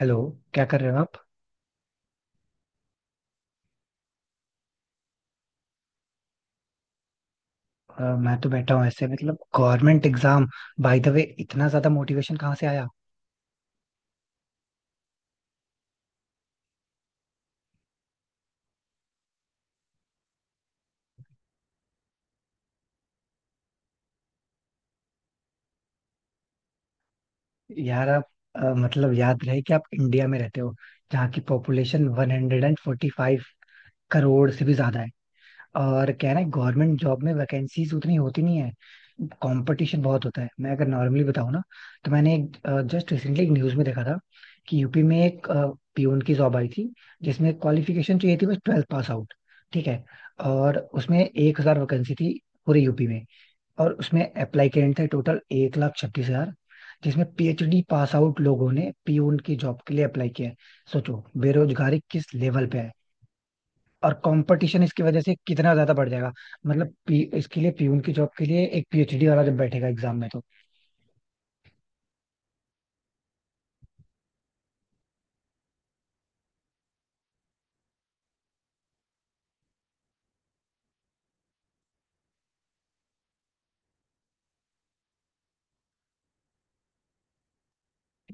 Hello. क्या कर रहे हो आप। मैं तो बैठा हूँ ऐसे मतलब government exam. By the way, इतना ज्यादा मोटिवेशन कहाँ से आया? यार आप, मतलब याद रहे कि आप इंडिया में रहते हो, जहाँ की पॉपुलेशन 145 करोड़ से भी ज्यादा। और क्या है ना, गवर्नमेंट जॉब में वैकेंसीज उतनी होती नहीं है, कंपटीशन बहुत होता है। मैं अगर नॉर्मली बताऊँ ना, तो मैंने एक जस्ट रिसेंटली एक न्यूज़ में देखा था, कि यूपी में एक पियून की जॉब आई थी, जिसमें क्वालिफिकेशन चाहिए थी बस ट्वेल्थ पास आउट, ठीक है। और उसमें 1,000 वैकेंसी थी, पूरे यूपी में। और उसमें अप्लाई करने थे टोटल 1,36,000, जिसमें पीएचडी पास आउट लोगों ने पीयून की जॉब के लिए अप्लाई किया है। सोचो बेरोजगारी किस लेवल पे है, और कंपटीशन इसकी वजह से कितना ज्यादा बढ़ जाएगा। मतलब इसके लिए, पीयून की जॉब के लिए एक पीएचडी वाला जब बैठेगा एग्जाम में तो...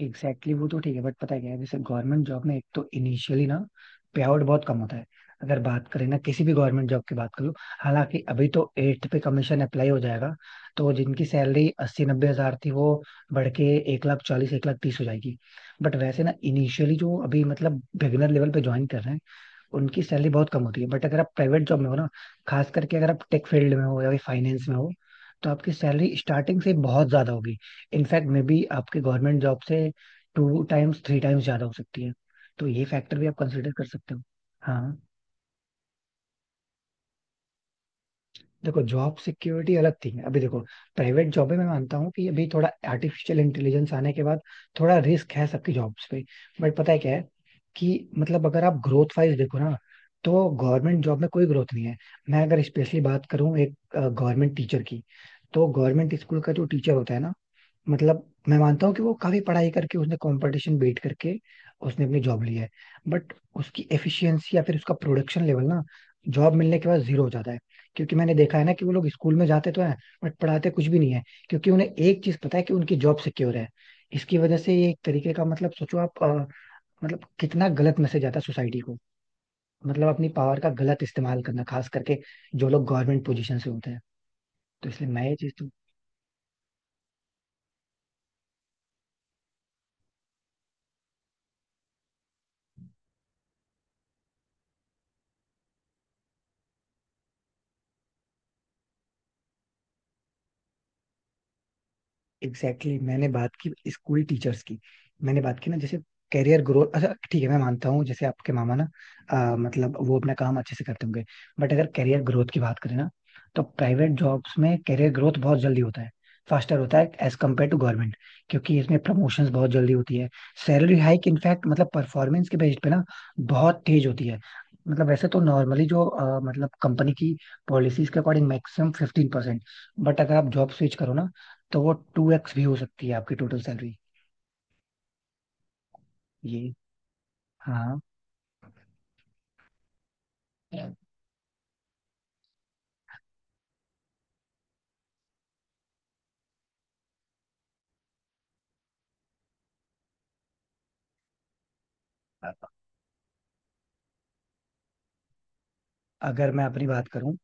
एग्जैक्टली exactly, वो तो ठीक है, बट पता है क्या है, जैसे गवर्नमेंट जॉब में एक तो इनिशियली ना, पे आउट बहुत कम होता है। अगर बात करें ना, किसी भी गवर्नमेंट जॉब की बात कर लो। हालांकि अभी तो एट्थ पे कमीशन अप्लाई हो जाएगा, तो जिनकी सैलरी 80-90 हजार थी, वो बढ़ के 1,40,000, 1,30,000 हो जाएगी। बट वैसे ना, इनिशियली जो अभी मतलब बिगिनर लेवल पे ज्वाइन कर रहे हैं, उनकी सैलरी बहुत कम होती है। बट अगर आप प्राइवेट जॉब में हो ना, खास करके अगर आप टेक फील्ड में हो या फिर फाइनेंस में हो, तो आपकी सैलरी स्टार्टिंग से बहुत ज्यादा होगी। इनफैक्ट मे बी आपकी गवर्नमेंट जॉब से टू टाइम्स, थ्री टाइम्स ज्यादा हो सकती है। तो ये फैक्टर भी आप कंसिडर कर सकते हो। हाँ। देखो जॉब सिक्योरिटी अलग थी, अभी देखो प्राइवेट जॉब में मैं मानता हूँ कि अभी थोड़ा आर्टिफिशियल इंटेलिजेंस आने के बाद थोड़ा रिस्क है सबकी जॉब्स पे। बट पता है क्या है, कि मतलब अगर आप ग्रोथ वाइज देखो ना, तो गवर्नमेंट जॉब में कोई ग्रोथ नहीं है। मैं अगर स्पेशली बात करूँ एक गवर्नमेंट टीचर की, तो गवर्नमेंट स्कूल का जो टीचर होता है ना, मतलब मैं मानता हूँ कि वो काफी पढ़ाई करके उसने कंपटीशन बीट करके उसने अपनी जॉब ली है, बट उसकी एफिशिएंसी या फिर उसका प्रोडक्शन लेवल ना, जॉब मिलने के बाद जीरो हो जाता है। क्योंकि मैंने देखा है ना, कि वो लोग स्कूल में जाते तो हैं, बट पढ़ाते कुछ भी नहीं है, क्योंकि उन्हें एक चीज पता है कि उनकी जॉब सिक्योर है। इसकी वजह से ये एक तरीके का मतलब, सोचो आप, मतलब कितना गलत मैसेज आता है सोसाइटी को। मतलब अपनी पावर का गलत इस्तेमाल करना, खास करके जो लोग गवर्नमेंट पोजीशन से होते हैं, तो इसलिए मैं ये चीज तो... एग्जैक्टली exactly, मैंने बात की स्कूल टीचर्स की, मैंने बात की ना जैसे कैरियर ग्रोथ। अच्छा, ठीक है, मैं मानता हूँ जैसे आपके मामा ना, मतलब वो अपना काम अच्छे से करते होंगे। बट अगर कैरियर ग्रोथ की बात करें ना, तो प्राइवेट जॉब्स में कैरियर ग्रोथ बहुत जल्दी होता है, फास्टर होता है एज कम्पेयर टू गवर्नमेंट। क्योंकि इसमें प्रमोशंस बहुत जल्दी होती है, सैलरी हाइक इनफैक्ट मतलब परफॉर्मेंस के बेस पे ना, बहुत तेज होती है। मतलब वैसे तो नॉर्मली जो मतलब कंपनी की पॉलिसीज के अकॉर्डिंग मैक्सिमम 15%, बट अगर आप जॉब स्विच करो ना, तो वो 2x भी हो सकती है आपकी टोटल सैलरी। ये, हाँ, अ- अगर मैं अपनी बात करूं,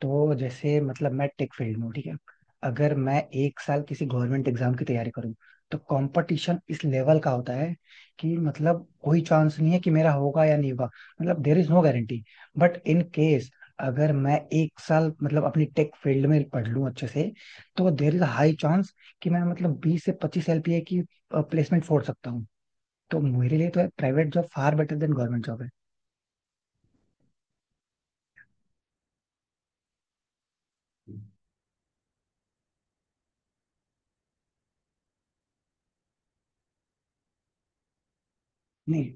तो जैसे मतलब मैं टेक फील्ड में हूं, ठीक है। अगर मैं एक साल किसी गवर्नमेंट एग्जाम की तैयारी करूं, तो कंपटीशन इस लेवल का होता है कि मतलब कोई चांस नहीं है कि मेरा होगा या नहीं होगा, मतलब there is no guarantee. But in case अगर मैं एक साल मतलब अपनी टेक फील्ड में पढ़ लूं अच्छे से, तो देर इज हाई चांस कि मैं मतलब 20 से 25 एलपीए की प्लेसमेंट फोड़ सकता हूँ। तो मेरे लिए तो private job far better than government job है। नहीं।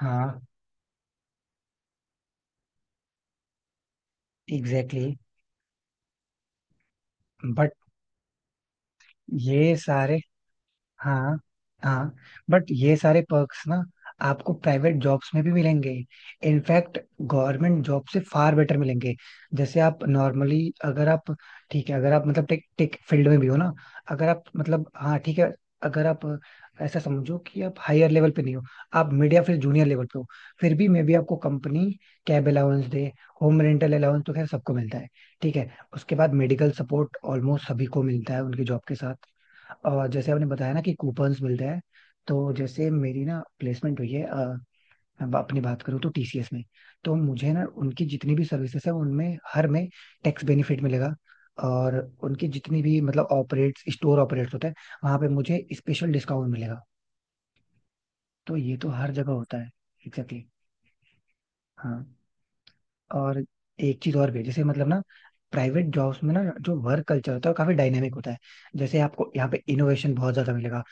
हाँ, एग्जैक्टली exactly. बट ये सारे, हाँ, हाँ, बट ये सारे पर्क्स ना आपको प्राइवेट जॉब्स में भी मिलेंगे, इनफैक्ट गवर्नमेंट जॉब से फार बेटर मिलेंगे। जैसे आप नॉर्मली अगर आप, ठीक है, अगर आप मतलब टेक टेक फील्ड में भी हो ना, अगर आप मतलब, हाँ ठीक है, अगर आप ऐसा समझो कि आप हायर लेवल पे नहीं हो, आप मिड या फिर जूनियर लेवल पे हो, फिर भी मे बी आपको कंपनी कैब अलाउंस दे, होम रेंटल अलाउंस तो खैर सबको मिलता है, ठीक है। उसके बाद मेडिकल सपोर्ट ऑलमोस्ट सभी को मिलता है उनकी जॉब के साथ। और जैसे आपने बताया ना कि कूपन्स मिलते हैं, तो जैसे मेरी ना प्लेसमेंट हुई है, मैं अपनी बात करूँ तो टीसीएस में, तो मुझे ना उनकी जितनी भी सर्विसेज है उनमें हर में टैक्स बेनिफिट मिलेगा। और उनकी जितनी भी मतलब ऑपरेट्स स्टोर ऑपरेट्स होते हैं, वहां पे मुझे स्पेशल डिस्काउंट मिलेगा, तो ये तो हर जगह होता है। Exactly exactly. हाँ। और एक चीज और भी है, जैसे मतलब ना प्राइवेट जॉब्स में ना जो वर्क कल्चर होता है, वो काफी डायनेमिक होता है, जैसे आपको यहाँ पे इनोवेशन बहुत ज्यादा मिलेगा।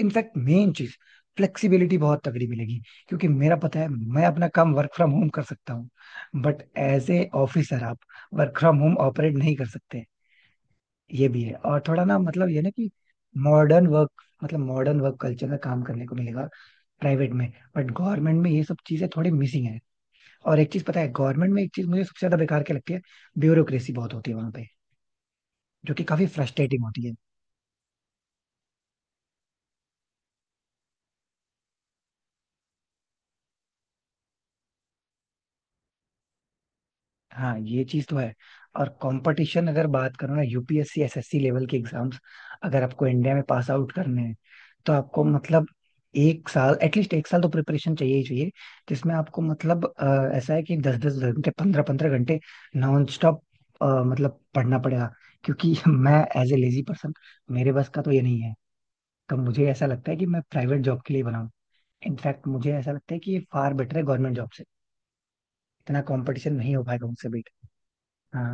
इनफैक्ट मेन चीज फ्लेक्सिबिलिटी बहुत तगड़ी मिलेगी, क्योंकि मेरा पता है मैं अपना काम वर्क फ्रॉम होम कर सकता हूँ, बट एज ए ऑफिसर आप वर्क फ्रॉम होम ऑपरेट नहीं कर सकते। ये भी है, और थोड़ा ना मतलब, ये ना कि modern work modern work culture में काम करने को मिलेगा प्राइवेट में, बट गवर्नमेंट में ये सब चीजें थोड़ी मिसिंग है। और एक चीज पता है गवर्नमेंट में, एक चीज मुझे सबसे ज्यादा बेकार क्या लगती है, ब्यूरोक्रेसी बहुत होती है वहां पे, जो कि काफी फ्रस्ट्रेटिंग होती है। हाँ, ये चीज तो है। और कंपटीशन अगर बात करो ना, यूपीएससी एसएससी लेवल के एग्जाम्स, अगर आपको इंडिया में पास आउट करने हैं, तो आपको मतलब एक साल, एटलीस्ट एक साल तो प्रिपरेशन चाहिए ही चाहिए, जिसमें आपको मतलब ऐसा है कि दस दस घंटे, पंद्रह पंद्रह घंटे नॉन स्टॉप मतलब पढ़ना पड़ेगा। क्योंकि मैं एज ए लेजी पर्सन, मेरे बस का तो ये नहीं है। तो मुझे ऐसा लगता है कि मैं प्राइवेट जॉब के लिए बनाऊं, इनफैक्ट मुझे ऐसा लगता है कि ये फार बेटर है गवर्नमेंट जॉब से, इतना कंपटीशन नहीं हो पाएगा उनसे बेट... हाँ।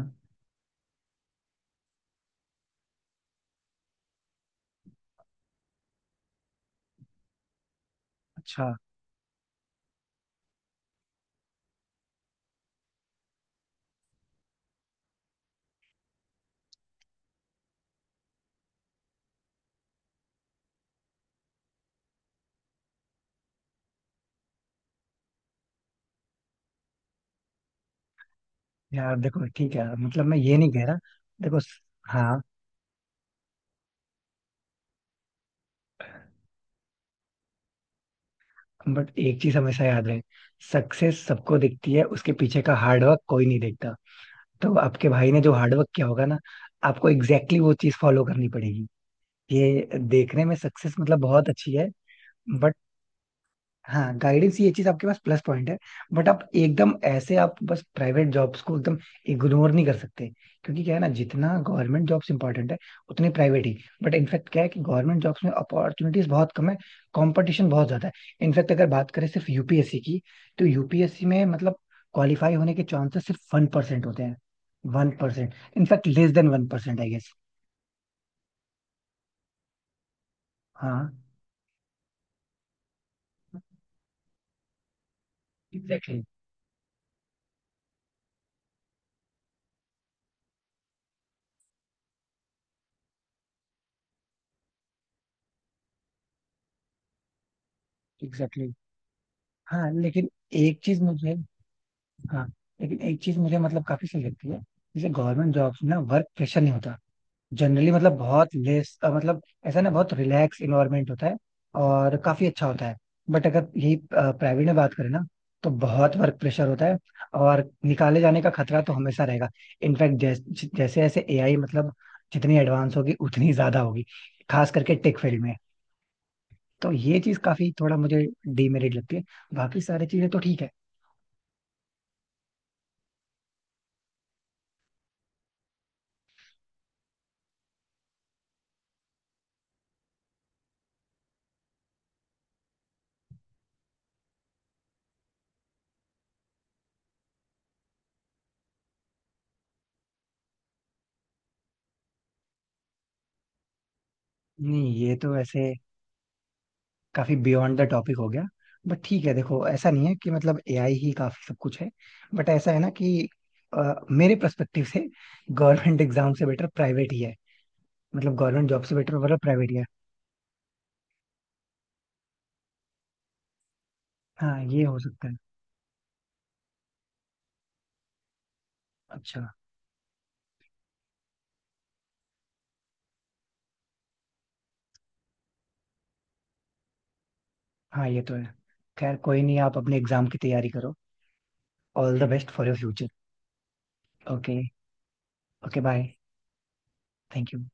अच्छा। यार देखो ठीक है, मतलब मैं ये नहीं कह रहा, देखो हाँ, बट एक चीज हमेशा याद रहे, सक्सेस सबको दिखती है, उसके पीछे का हार्डवर्क कोई नहीं देखता। तो आपके भाई ने जो हार्डवर्क किया होगा ना, आपको एग्जैक्टली exactly वो चीज फॉलो करनी पड़ेगी, ये देखने में सक्सेस मतलब बहुत अच्छी है। बट हाँ, गाइडेंस ये चीज आपके पास प्लस पॉइंट है, बट आप एकदम ऐसे आप बस प्राइवेट जॉब्स को एकदम इग्नोर नहीं कर सकते, क्योंकि क्या है ना, जितना गवर्नमेंट जॉब्स इंपॉर्टेंट है, उतने प्राइवेट ही। बट इनफैक्ट क्या है कि गवर्नमेंट जॉब्स में अपॉर्चुनिटीज बहुत कम है, कंपटीशन बहुत ज्यादा है। इनफैक्ट अगर बात करें सिर्फ यूपीएससी की, तो यूपीएससी में मतलब क्वालिफाई होने के चांसेस सिर्फ 1% होते हैं, 1% इनफैक्ट, लेस देन 1% आई गेस। हाँ। Exactly, exactly. हाँ लेकिन एक चीज मुझे हाँ लेकिन एक चीज मुझे मतलब काफी सही लगती है, जैसे गवर्नमेंट जॉब्स में ना वर्क प्रेशर नहीं होता जनरली, मतलब बहुत लेस, मतलब ऐसा ना बहुत रिलैक्स इन्वायरमेंट होता है और काफी अच्छा होता है। बट अगर यही प्राइवेट में बात करें ना, तो बहुत वर्क प्रेशर होता है, और निकाले जाने का खतरा तो हमेशा रहेगा। इनफैक्ट जैसे जैसे ऐसे एआई मतलब जितनी एडवांस होगी, उतनी ज्यादा होगी, खास करके टेक फील्ड में। तो ये चीज काफी थोड़ा मुझे डीमेरिट लगती है, बाकी सारी चीजें तो ठीक है। नहीं, ये तो वैसे काफी बियॉन्ड द टॉपिक हो गया, बट ठीक है। देखो ऐसा नहीं है कि मतलब एआई ही काफी सब कुछ है, बट ऐसा है ना कि मेरे पर्सपेक्टिव से गवर्नमेंट एग्जाम से बेटर प्राइवेट ही है, मतलब गवर्नमेंट जॉब से बेटर मतलब प्राइवेट ही है। हाँ, ये हो सकता है। अच्छा। हाँ, ये तो है। खैर कोई नहीं, आप अपने एग्जाम की तैयारी करो, all the best for your future. Okay. Okay, bye. Thank you.